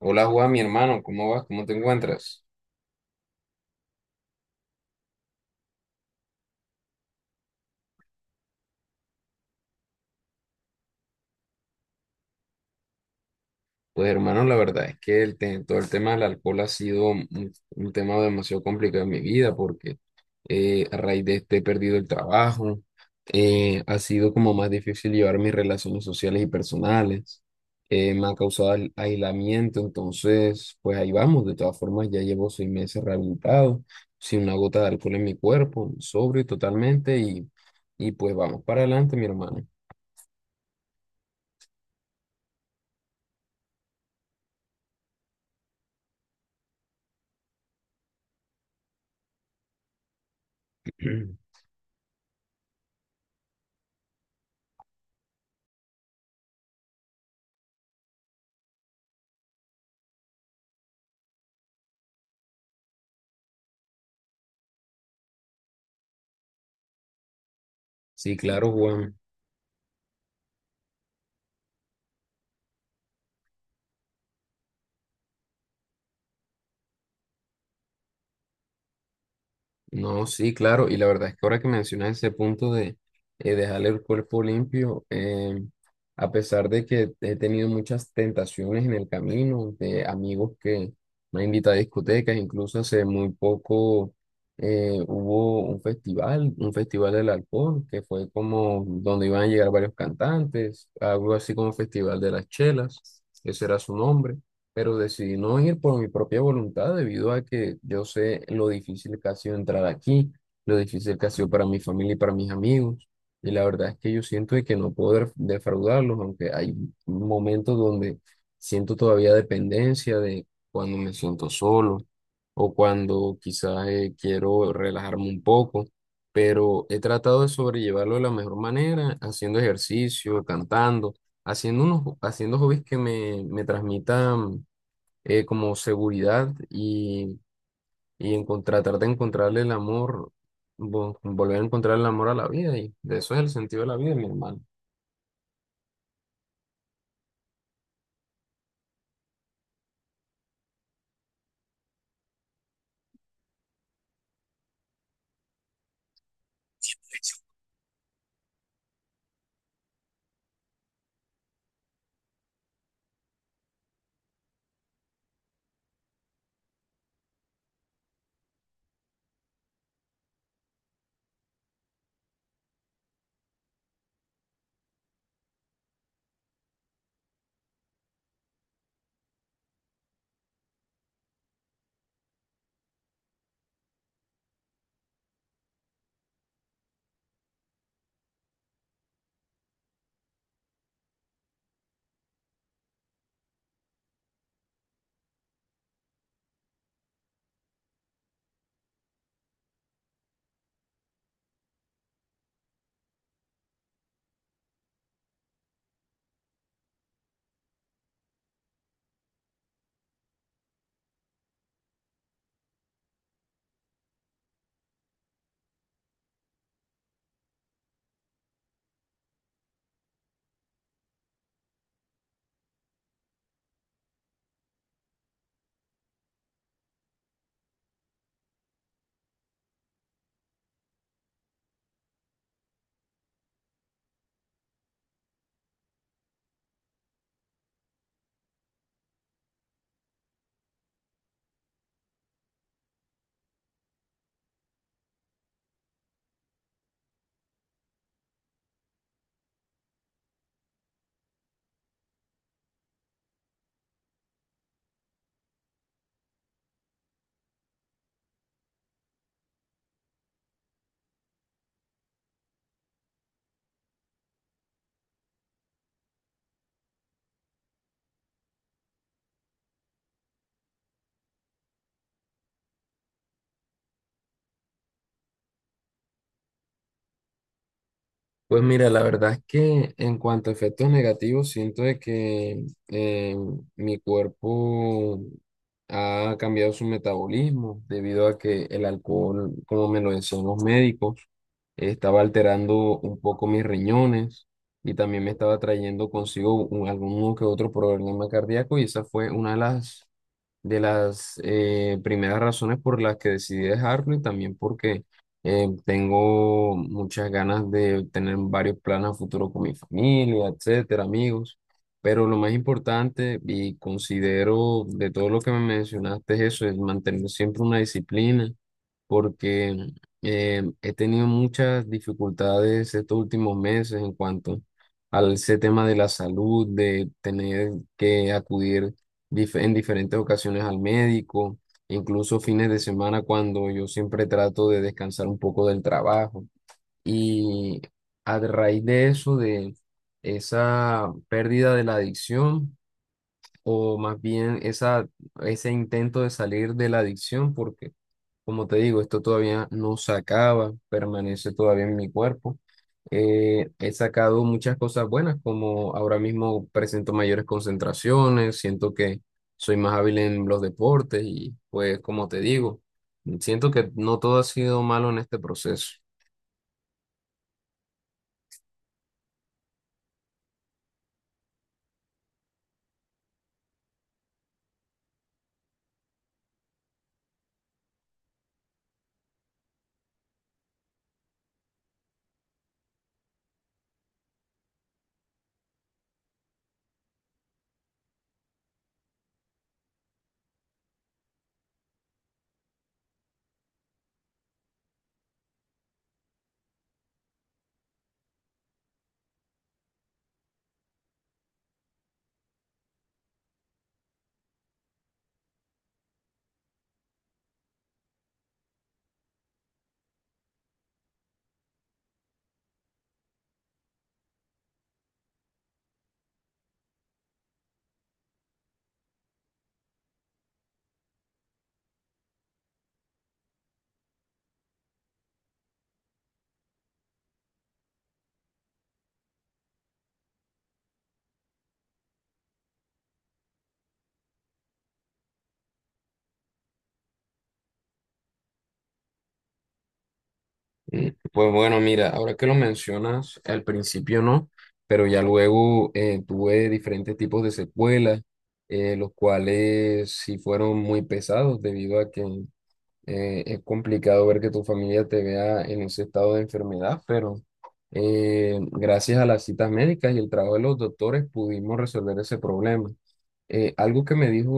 Hola Juan, mi hermano, ¿cómo vas? ¿Cómo te encuentras? Pues hermano, la verdad es que todo el tema del alcohol ha sido un tema demasiado complicado en mi vida porque a raíz de este he perdido el trabajo. Eh, ha sido como más difícil llevar mis relaciones sociales y personales. Eh, me ha causado aislamiento. Entonces pues ahí vamos, de todas formas ya llevo 6 meses rehabilitado, sin una gota de alcohol en mi cuerpo, sobrio totalmente, y pues vamos para adelante, mi hermano. Sí, claro, Juan. No, sí, claro. Y la verdad es que ahora que mencionas ese punto de dejar el cuerpo limpio, a pesar de que he tenido muchas tentaciones en el camino, de amigos que me han invitado a discotecas, incluso hace muy poco hubo un festival del alcohol, que fue como donde iban a llegar varios cantantes, algo así como Festival de las Chelas, ese era su nombre. Pero decidí no ir por mi propia voluntad debido a que yo sé lo difícil que ha sido entrar aquí, lo difícil que ha sido para mi familia y para mis amigos. Y la verdad es que yo siento de que no puedo defraudarlos, aunque hay momentos donde siento todavía dependencia de cuando me siento solo o cuando quizás quiero relajarme un poco. Pero he tratado de sobrellevarlo de la mejor manera, haciendo ejercicio, cantando, haciendo hobbies que me transmitan como seguridad, y tratar de encontrarle el amor, volver a encontrar el amor a la vida. Y de eso es el sentido de la vida, mi hermano. Pues mira, la verdad es que en cuanto a efectos negativos, siento de que eh, mi cuerpo ha cambiado su metabolismo debido a que el alcohol, como me lo decían los médicos, estaba alterando un poco mis riñones, y también me estaba trayendo consigo algún que otro problema cardíaco, y esa fue una de las primeras razones por las que decidí dejarlo. Y también porque tengo muchas ganas de tener varios planes a futuro con mi familia, etcétera, amigos. Pero lo más importante y considero de todo lo que me mencionaste es eso, es mantener siempre una disciplina, porque he tenido muchas dificultades estos últimos meses en cuanto al ese tema de la salud, de tener que acudir en diferentes ocasiones al médico, incluso fines de semana cuando yo siempre trato de descansar un poco del trabajo. Y a raíz de eso, de esa pérdida de la adicción, o más bien esa, ese intento de salir de la adicción, porque como te digo, esto todavía no se acaba, permanece todavía en mi cuerpo. He sacado muchas cosas buenas, como ahora mismo presento mayores concentraciones, siento que soy más hábil en los deportes, y pues como te digo, siento que no todo ha sido malo en este proceso. Mm, pues bueno, mira, ahora que lo mencionas, al principio no, pero ya luego tuve diferentes tipos de secuelas, los cuales sí fueron muy pesados debido a que es complicado ver que tu familia te vea en ese estado de enfermedad. Pero gracias a las citas médicas y el trabajo de los doctores pudimos resolver ese problema. Algo que me dijo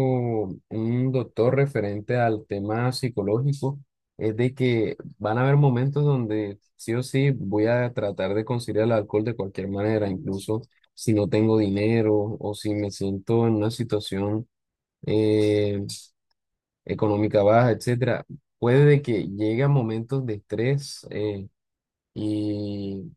un doctor referente al tema psicológico es de que van a haber momentos donde sí o sí voy a tratar de conciliar el alcohol de cualquier manera, incluso si no tengo dinero o si me siento en una situación eh, económica baja, etcétera, puede de que llegue a momentos de estrés, y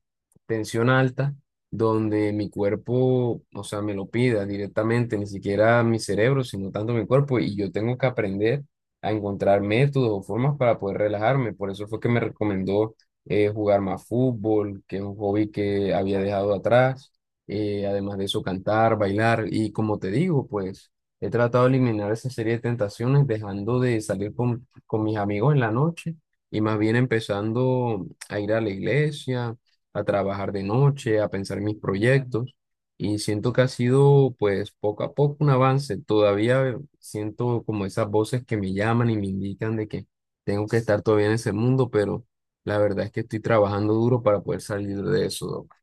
tensión alta, donde mi cuerpo, o sea, me lo pida directamente, ni siquiera mi cerebro, sino tanto mi cuerpo, y yo tengo que aprender a encontrar métodos o formas para poder relajarme. Por eso fue que me recomendó jugar más fútbol, que es un hobby que había dejado atrás. Eh, además de eso, cantar, bailar, y como te digo, pues... he tratado de eliminar esa serie de tentaciones, dejando de salir con mis amigos en la noche, y más bien empezando a ir a la iglesia, a trabajar de noche, a pensar mis proyectos. Y siento que ha sido pues poco a poco un avance. Todavía siento como esas voces que me llaman y me indican de que tengo que estar todavía en ese mundo, pero la verdad es que estoy trabajando duro para poder salir de eso, Doc.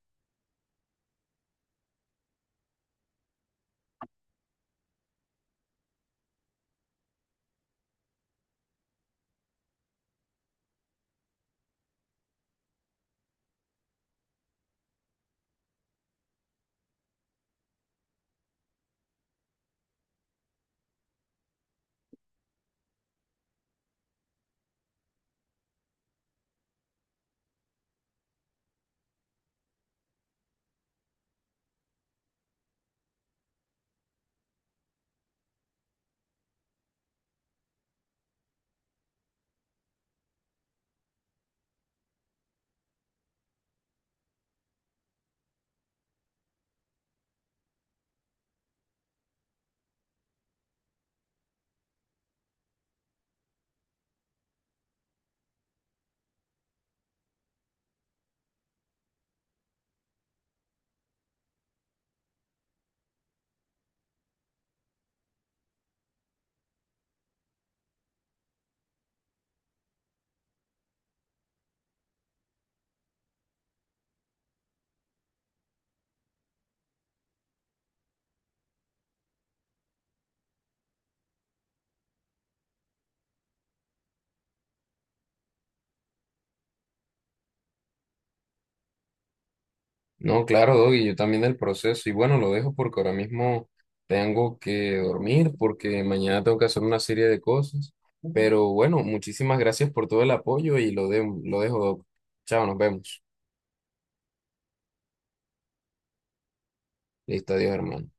No, claro, Doggy, yo también del proceso. Y bueno, lo dejo porque ahora mismo tengo que dormir, porque mañana tengo que hacer una serie de cosas. Pero bueno, muchísimas gracias por todo el apoyo y lo dejo, Doc. Chao, nos vemos. Listo, adiós, hermano.